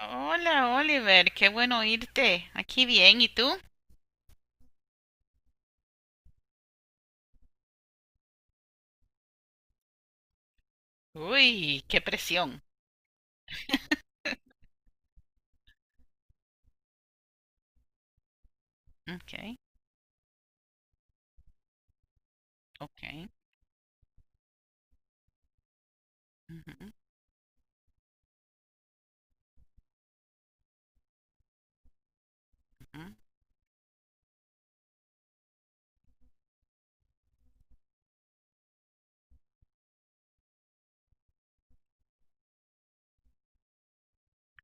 Hola, Oliver, qué bueno oírte. Aquí bien, ¿y tú? Uy, qué presión. Okay, okay. Ujú, ujú.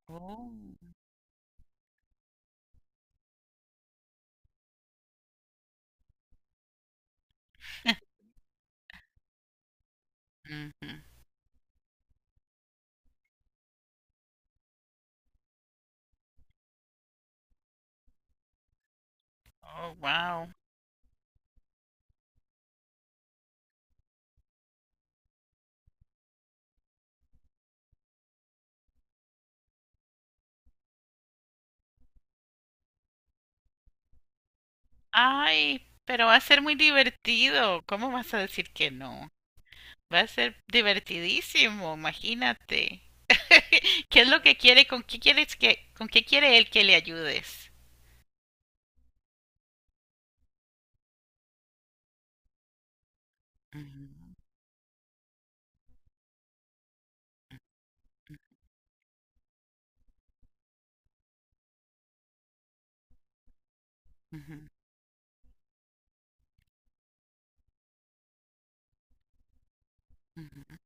Oh, ujú. Oh, wow. Ay, pero va a ser muy divertido. ¿Cómo vas a decir que no? Va a ser divertidísimo, imagínate. ¿Qué es lo que quiere? ¿Con qué quiere él que le ayudes? Ujú, ujú, ujú,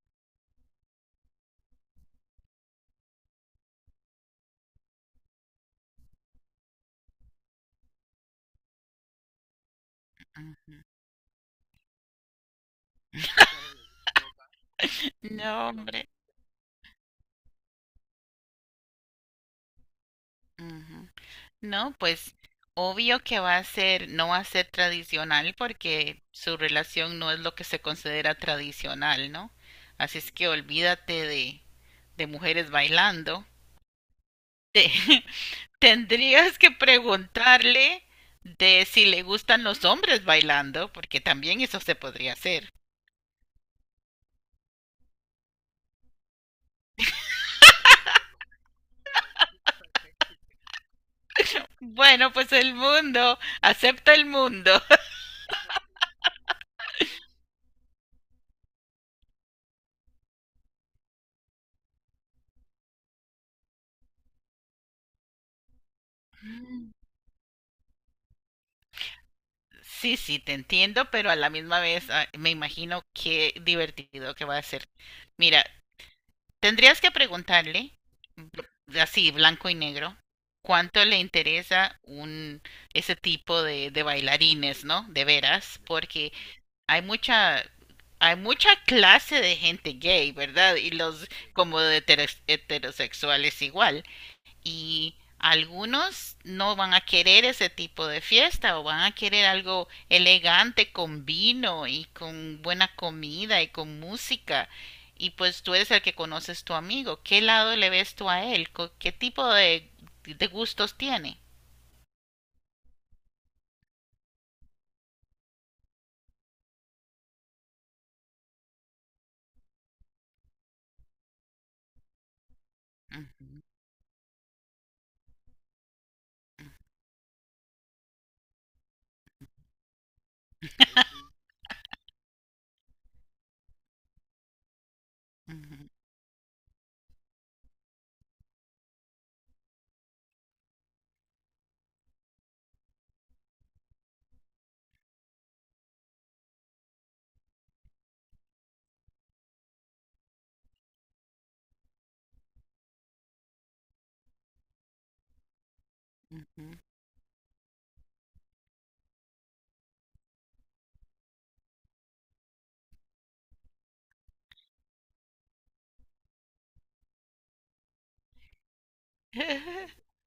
ujú. No, hombre. Ujú. No, pues obvio que va a ser, no va a ser tradicional porque su relación no es lo que se considera tradicional, ¿no? Así es que olvídate de mujeres bailando. Te- tendrías que preguntarle de si le gustan los hombres bailando, porque también eso se podría hacer. Bueno, pues el mundo, acepta el mundo. Mm. Sí, sí, te entiendo, pero a la misma vez me imagino qué divertido que va a ser. Mira, tendrías que preguntarle, así blanco y negro, cuánto le interesa un ese tipo de bailarines, ¿no? De veras, porque hay mucha hay mucha clase de gente gay, ¿verdad? Y los como de heterosexuales igual y algunos no van a querer ese tipo de fiesta o van a querer algo elegante con vino y con buena comida y con música. Y pues tú eres el que conoces tu amigo. ¿Qué lado le ves tú a él? ¿Qué tipo de gustos tiene? Ujú, ujú, ujú.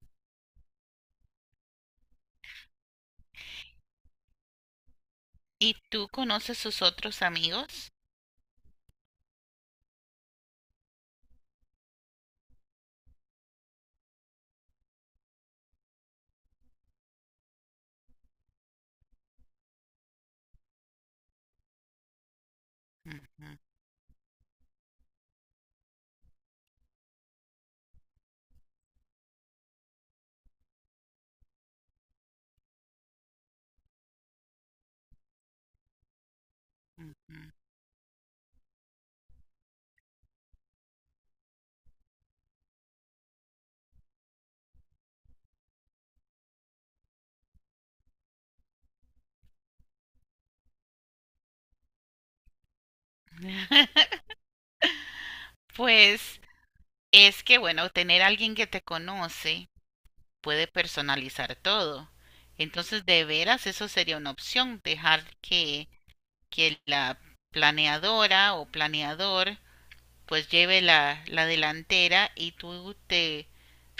¿Y tú conoces sus otros amigos? Ujú, ujú. Pues es que, bueno, tener alguien que te conoce puede personalizar todo. Entonces, de veras, eso sería una opción, dejar que la planeadora o planeador pues lleve la delantera y tú te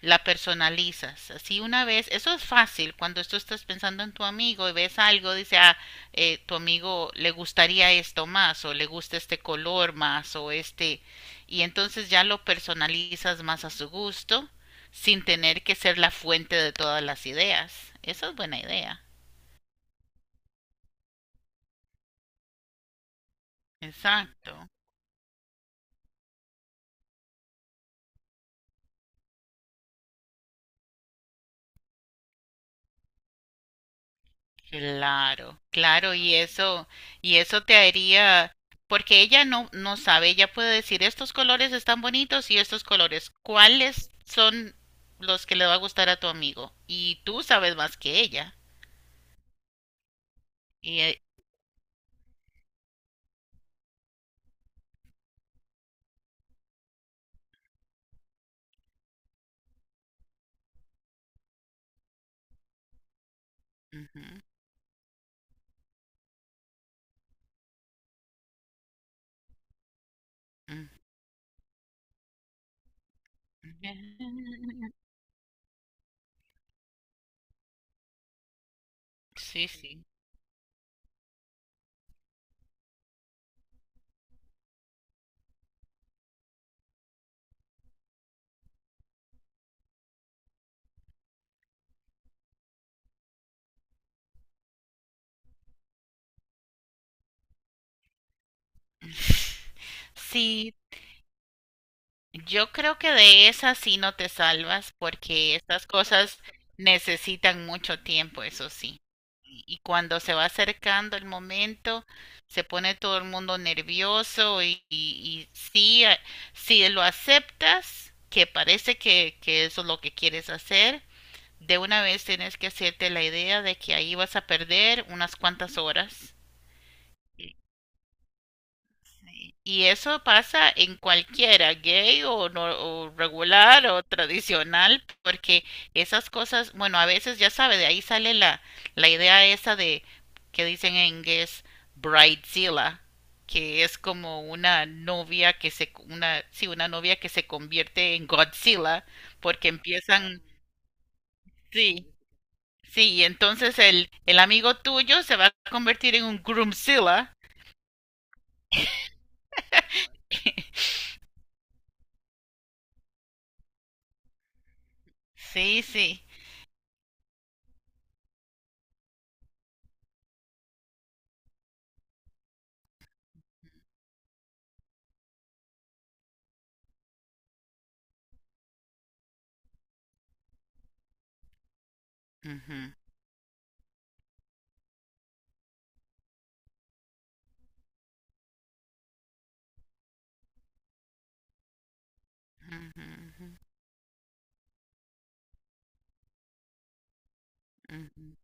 la personalizas. Así una vez, eso es fácil, cuando tú estás pensando en tu amigo y ves algo, dice, ah, tu amigo le gustaría esto más o le gusta este color más o este, y entonces ya lo personalizas más a su gusto sin tener que ser la fuente de todas las ideas. Esa es buena idea. Exacto. Claro, claro, y eso te haría, porque ella no sabe, ella puede decir estos colores están bonitos y estos colores, ¿cuáles son los que le va a gustar a tu amigo? Y tú sabes más que ella. Y, ujú, ujú. Sí, sí. Sí, yo creo que de esas sí no te salvas porque estas cosas necesitan mucho tiempo, eso sí. Y cuando se va acercando el momento, se pone todo el mundo nervioso y sí, si lo aceptas, que parece que eso es lo que quieres hacer, de una vez tienes que hacerte la idea de que ahí vas a perder unas cuantas horas y eso pasa en cualquiera, gay o, no, o regular o tradicional, porque esas cosas, bueno, a veces ya sabe, de ahí sale la idea esa de que dicen en inglés bridezilla, que es como una novia que se, una, sí, una novia que se convierte en Godzilla, porque empiezan, sí, sí, y entonces el amigo tuyo se va a convertir en un groomzilla. Sí, sí. Ujú, ujú, ujú. Ujú.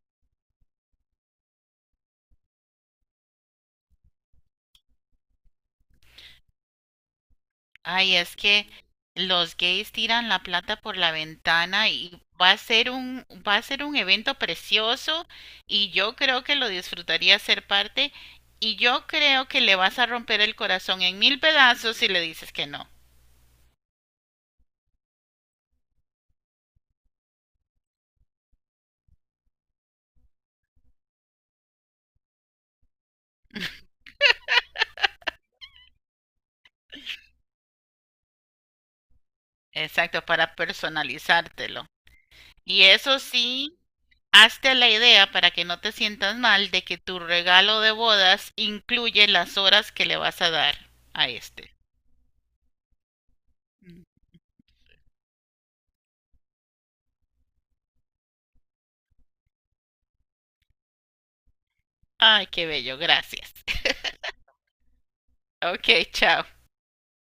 Ay, es que los gays tiran la plata por la ventana y va a ser un evento precioso y yo creo que lo disfrutaría ser parte y yo creo que le vas a romper el corazón en mil pedazos si le dices que no. Exacto, para personalizártelo. Y eso sí, hazte la idea para que no te sientas mal de que tu regalo de bodas incluye las horas que le vas a dar a este. Mm. Ay, qué bello, gracias. Ok, chao.